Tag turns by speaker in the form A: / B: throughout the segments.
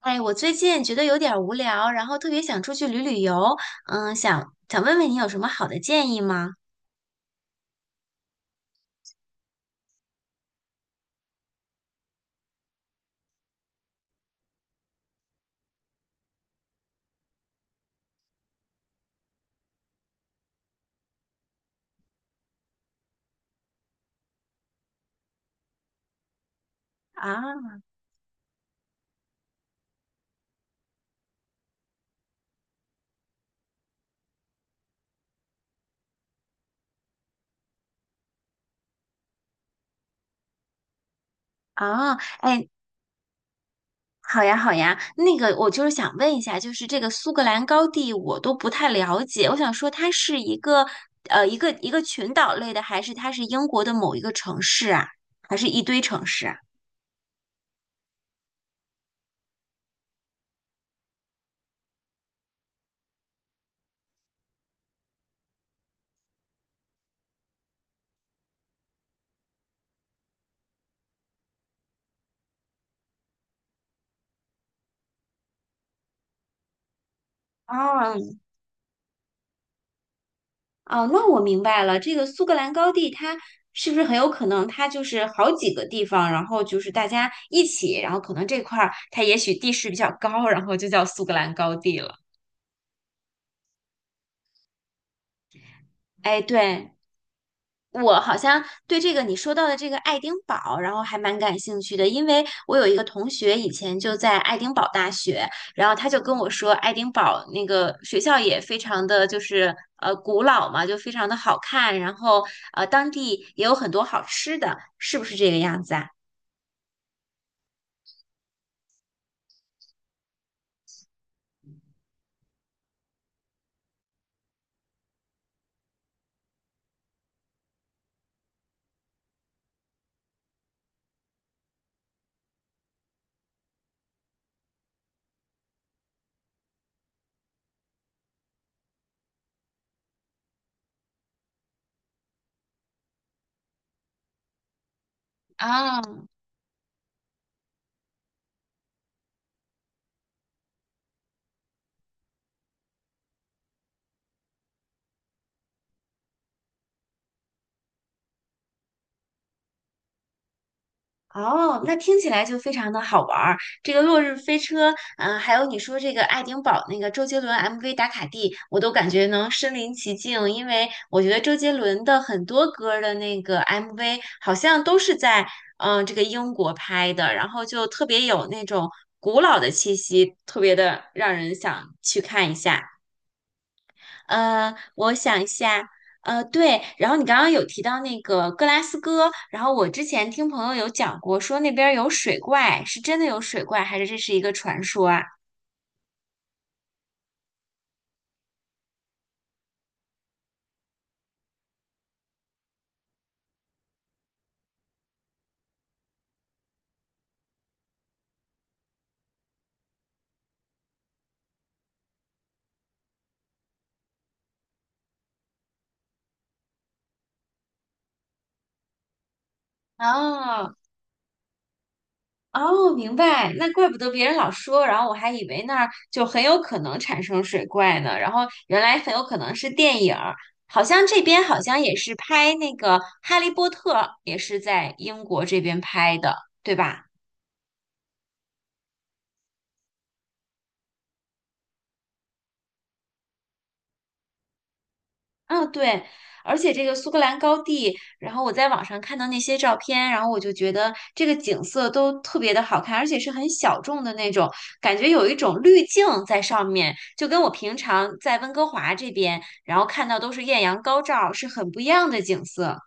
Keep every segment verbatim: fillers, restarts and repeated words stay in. A: 哎，我最近觉得有点儿无聊，然后特别想出去旅旅游，嗯，想想问问你有什么好的建议吗？啊啊，哎，好呀好呀，那个我就是想问一下，就是这个苏格兰高地我都不太了解，我想说它是一个呃一个一个群岛类的，还是它是英国的某一个城市啊，还是一堆城市啊？哦，哦，那我明白了，这个苏格兰高地它是不是很有可能它就是好几个地方，然后就是大家一起，然后可能这块儿它也许地势比较高，然后就叫苏格兰高地了。哎，对，我好像对这个你说到的这个爱丁堡，然后还蛮感兴趣的，因为我有一个同学以前就在爱丁堡大学，然后他就跟我说，爱丁堡那个学校也非常的就是呃古老嘛，就非常的好看，然后呃当地也有很多好吃的，是不是这个样子啊？啊。哦，那听起来就非常的好玩儿。这个《落日飞车》，嗯、还有你说这个爱丁堡那个周杰伦 M V 打卡地，我都感觉能身临其境，因为我觉得周杰伦的很多歌儿的那个 M V 好像都是在嗯、呃这个英国拍的，然后就特别有那种古老的气息，特别的让人想去看一下。呃，我想一下，呃，对，然后你刚刚有提到那个格拉斯哥，然后我之前听朋友有讲过，说那边儿有水怪，是真的有水怪，还是这是一个传说啊？哦哦，明白，那怪不得别人老说，然后我还以为那儿就很有可能产生水怪呢，然后原来很有可能是电影儿，好像这边好像也是拍那个《哈利波特》，也是在英国这边拍的，对吧？嗯，对，而且这个苏格兰高地，然后我在网上看到那些照片，然后我就觉得这个景色都特别的好看，而且是很小众的那种，感觉有一种滤镜在上面，就跟我平常在温哥华这边，然后看到都是艳阳高照，是很不一样的景色。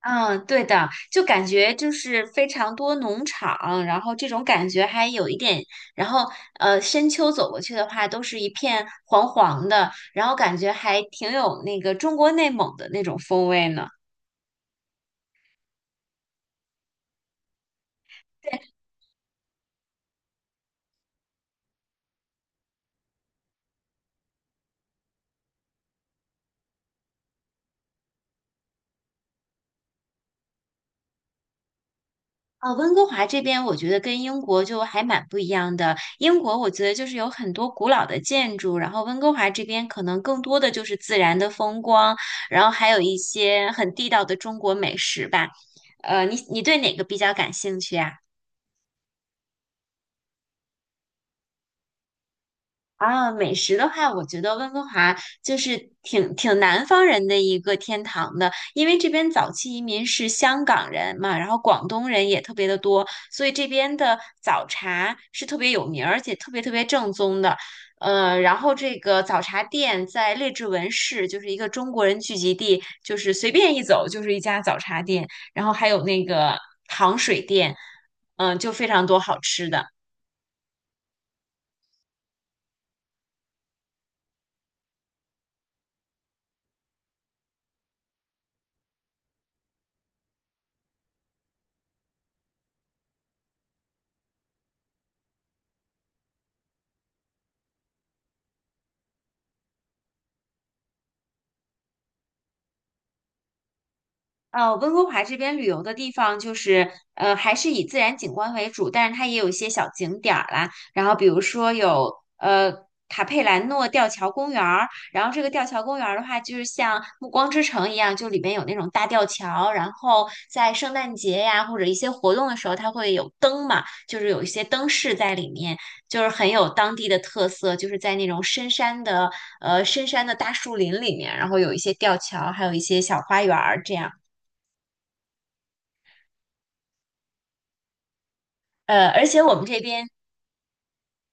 A: 嗯，对的，就感觉就是非常多农场，然后这种感觉还有一点，然后呃，深秋走过去的话，都是一片黄黄的，然后感觉还挺有那个中国内蒙的那种风味呢。呃，温哥华这边我觉得跟英国就还蛮不一样的。英国我觉得就是有很多古老的建筑，然后温哥华这边可能更多的就是自然的风光，然后还有一些很地道的中国美食吧。呃，你你对哪个比较感兴趣啊？啊，美食的话，我觉得温哥华就是挺挺南方人的一个天堂的，因为这边早期移民是香港人嘛，然后广东人也特别的多，所以这边的早茶是特别有名儿，而且特别特别正宗的。呃，然后这个早茶店在列治文市，就是一个中国人聚集地，就是随便一走就是一家早茶店，然后还有那个糖水店，嗯、就非常多好吃的。呃，温哥华这边旅游的地方就是，呃，还是以自然景观为主，但是它也有一些小景点儿啦。然后比如说有呃卡佩兰诺吊桥公园儿，然后这个吊桥公园儿的话，就是像暮光之城一样，就里面有那种大吊桥，然后在圣诞节呀或者一些活动的时候，它会有灯嘛，就是有一些灯饰在里面，就是很有当地的特色，就是在那种深山的呃深山的大树林里面，然后有一些吊桥，还有一些小花园儿这样。呃，而且我们这边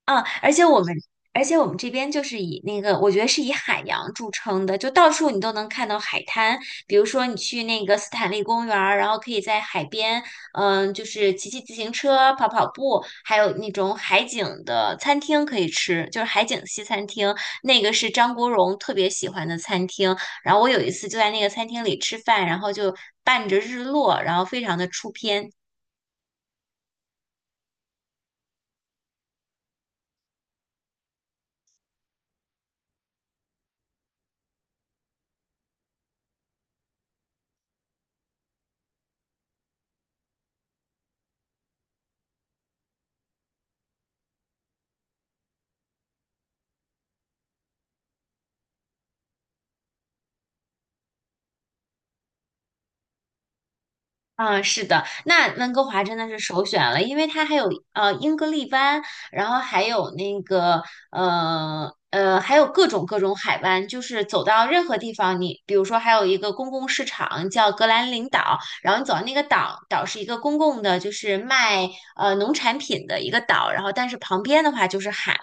A: 啊，而且我们，而且我们这边就是以那个，我觉得是以海洋著称的，就到处你都能看到海滩。比如说你去那个斯坦利公园儿，然后可以在海边，嗯，就是骑骑自行车、跑跑步，还有那种海景的餐厅可以吃，就是海景西餐厅，那个是张国荣特别喜欢的餐厅。然后我有一次就在那个餐厅里吃饭，然后就伴着日落，然后非常的出片。嗯，是的，那温哥华真的是首选了，因为它还有呃英格利湾，然后还有那个呃呃，还有各种各种海湾，就是走到任何地方你，比如说还有一个公共市场叫格兰林岛，然后你走到那个岛，岛是一个公共的，就是卖呃农产品的一个岛，然后但是旁边的话就是海。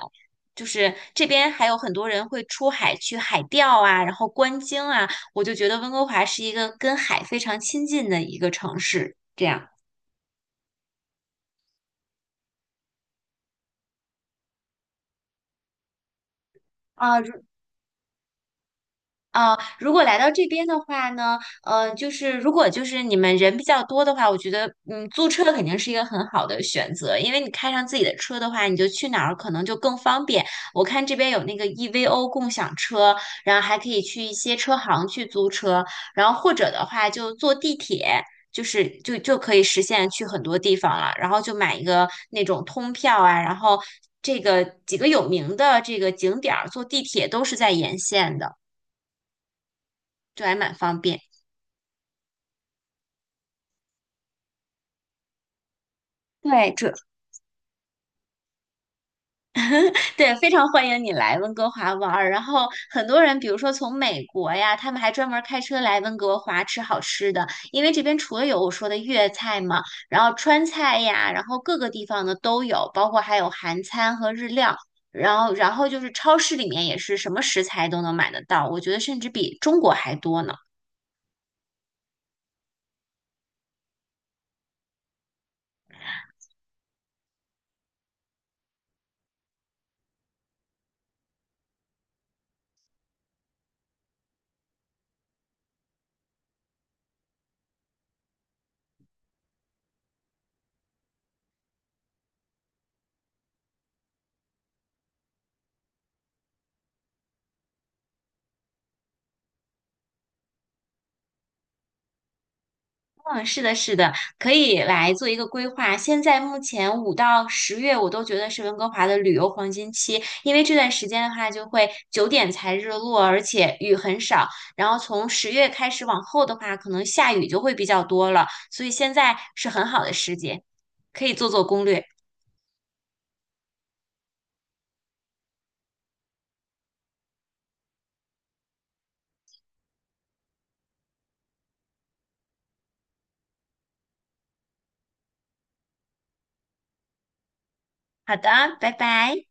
A: 就是这边还有很多人会出海去海钓啊，然后观鲸啊，我就觉得温哥华是一个跟海非常亲近的一个城市，这样。啊，如啊，如果来到这边的话呢，呃，就是如果就是你们人比较多的话，我觉得，嗯，租车肯定是一个很好的选择，因为你开上自己的车的话，你就去哪儿可能就更方便。我看这边有那个 E V O 共享车，然后还可以去一些车行去租车，然后或者的话就坐地铁。就是就就可以实现去很多地方了，然后就买一个那种通票啊，然后这个几个有名的这个景点儿坐地铁都是在沿线的。就还蛮方便。对，这对，非常欢迎你来温哥华玩儿。然后很多人，比如说从美国呀，他们还专门开车来温哥华吃好吃的，因为这边除了有我说的粤菜嘛，然后川菜呀，然后各个地方的都有，包括还有韩餐和日料。然后，然后就是超市里面也是什么食材都能买得到，我觉得甚至比中国还多呢。嗯，是的，是的，可以来做一个规划。现在目前五到十月，我都觉得是温哥华的旅游黄金期，因为这段时间的话，就会九点才日落，而且雨很少。然后从十月开始往后的话，可能下雨就会比较多了，所以现在是很好的时节，可以做做攻略。好的，拜拜。